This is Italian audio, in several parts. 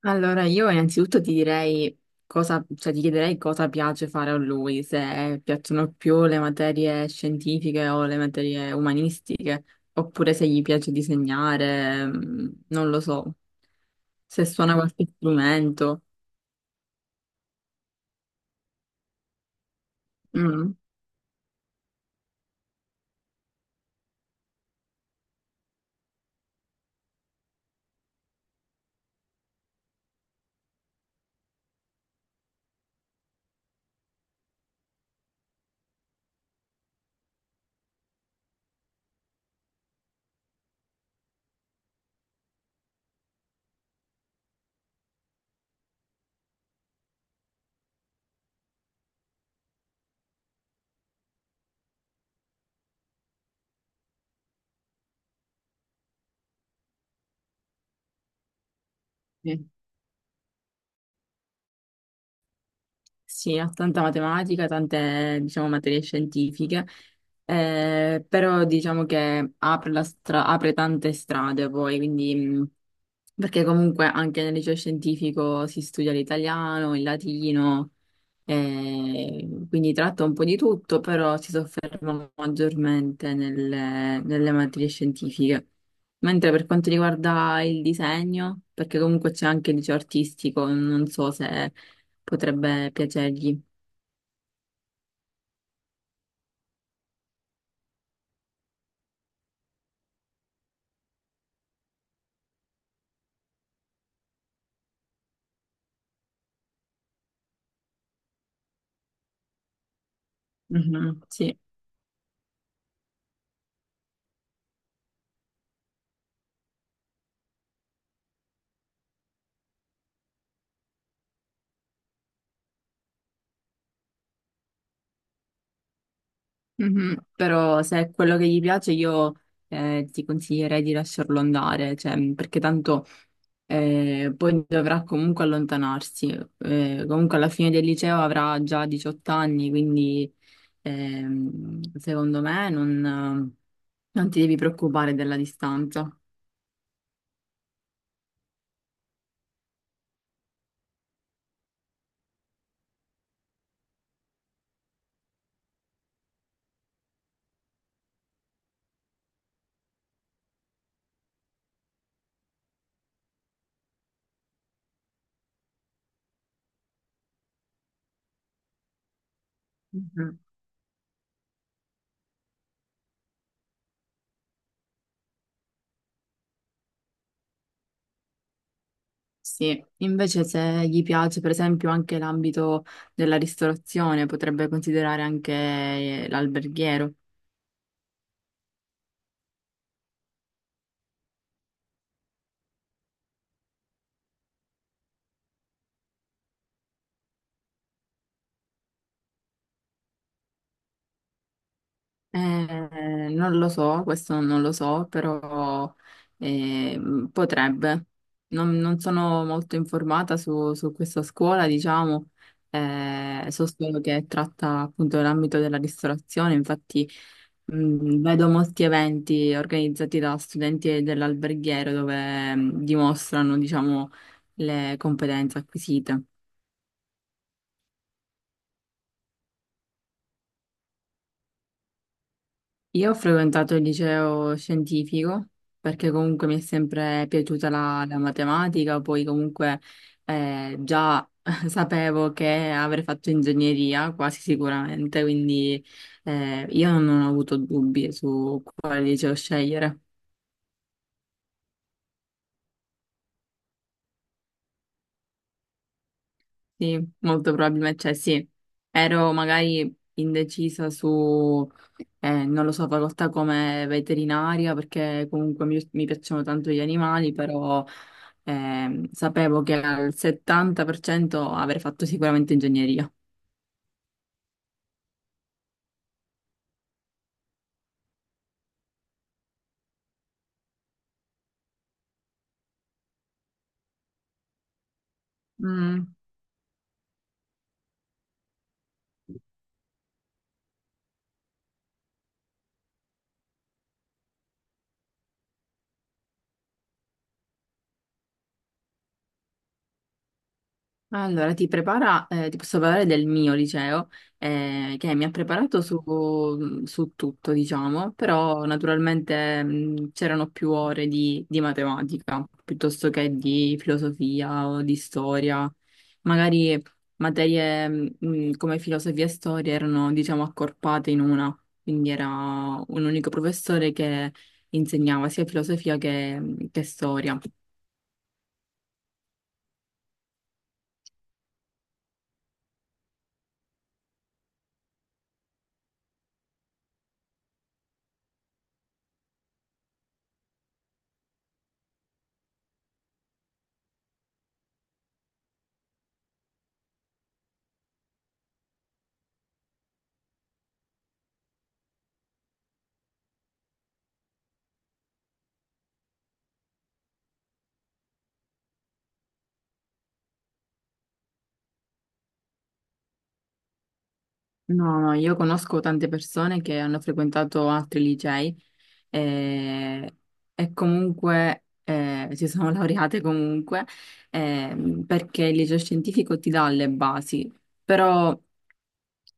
Allora, io innanzitutto ti direi cosa, cioè ti chiederei cosa piace fare a lui, se piacciono più le materie scientifiche o le materie umanistiche, oppure se gli piace disegnare, mm, non lo so, se suona qualche strumento. Mm. Sì. Sì, ha tanta matematica, tante, diciamo, materie scientifiche, però diciamo che apre tante strade poi, quindi, perché comunque anche nel liceo scientifico si studia l'italiano, il latino, quindi tratta un po' di tutto, però si sofferma maggiormente nelle materie scientifiche. Mentre per quanto riguarda il disegno, perché comunque c'è anche il liceo artistico, non so se potrebbe piacergli. Mhm. Sì. Mhm. Però se è quello che gli piace io ti consiglierei di lasciarlo andare, cioè, perché tanto poi dovrà comunque allontanarsi. Comunque alla fine del liceo avrà già 18 anni, quindi secondo me non ti devi preoccupare della distanza. Mhm. Sì, invece se gli piace per esempio anche l'ambito della ristorazione, potrebbe considerare anche l'alberghiero. Eh, non lo so, questo non lo so, però potrebbe. Non sono molto informata su questa scuola, diciamo, so solo che tratta appunto l'ambito della ristorazione, infatti vedo molti eventi organizzati da studenti dell'alberghiero dove dimostrano, diciamo, le competenze acquisite. Io ho frequentato il liceo scientifico perché comunque mi è sempre piaciuta la matematica, poi comunque già sapevo che avrei fatto ingegneria quasi sicuramente, quindi io non ho avuto dubbi su quale liceo scegliere. Sì, molto probabilmente, cioè sì, ero magari indecisa su, non lo so, facoltà come veterinaria, perché comunque mi piacciono tanto gli animali, però sapevo che al 70% avrei fatto sicuramente ingegneria. Mm. Allora, ti prepara, ti posso parlare del mio liceo, che mi ha preparato su, su tutto, diciamo, però naturalmente c'erano più ore di matematica piuttosto che di filosofia o di storia. Magari materie come filosofia e storia erano, diciamo, accorpate in una, quindi era un unico professore che insegnava sia filosofia che storia. No, no, io conosco tante persone che hanno frequentato altri licei eh, e comunque si sono laureate comunque perché il liceo scientifico ti dà le basi, però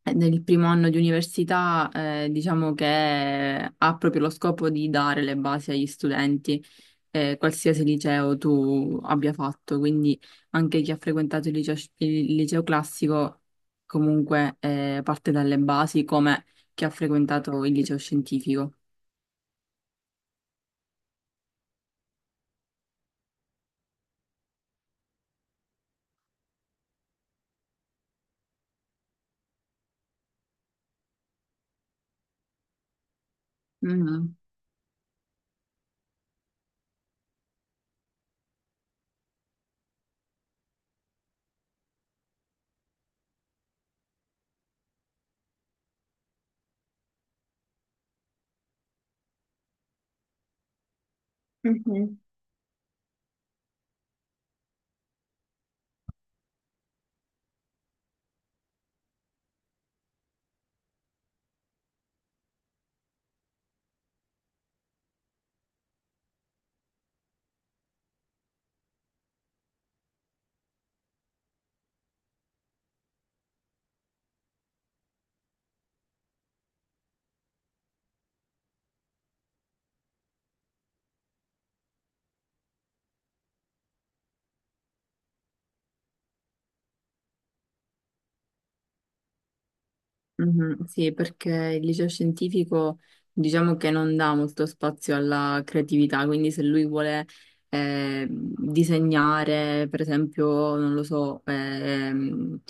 nel primo anno di università diciamo che ha proprio lo scopo di dare le basi agli studenti qualsiasi liceo tu abbia fatto, quindi anche chi ha frequentato il liceo classico comunque parte dalle basi come chi ha frequentato il liceo scientifico. Mhm. Mhm, sì, perché il liceo scientifico diciamo che non dà molto spazio alla creatività, quindi se lui vuole disegnare, per esempio, non lo so,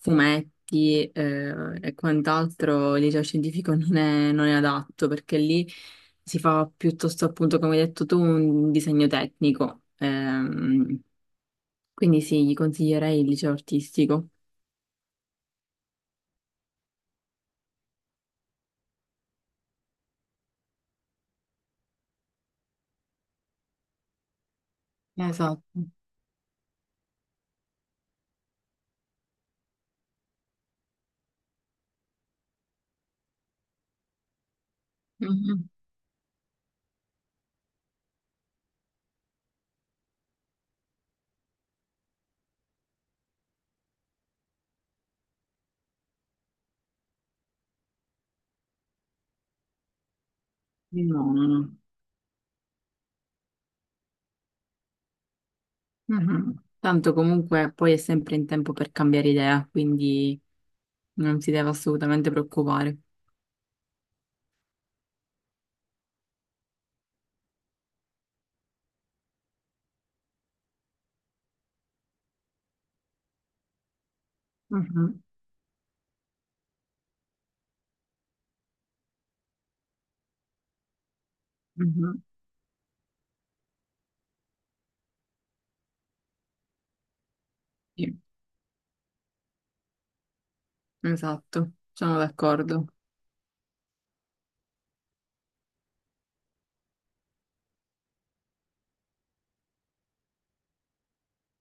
fumetti e quant'altro, il liceo scientifico non è adatto perché lì si fa piuttosto, appunto, come hai detto tu, un disegno tecnico. Quindi sì, gli consiglierei il liceo artistico. Esatto. Mhm. No, no, no. Mhm. Tanto comunque poi è sempre in tempo per cambiare idea, quindi non si deve assolutamente preoccupare. Mhm, mhm, sì, esatto, sono d'accordo.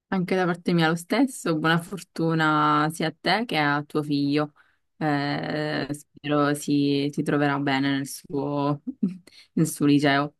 Anche da parte mia lo stesso, buona fortuna sia a te che a tuo figlio. Spero si troverà bene nel suo, nel suo liceo.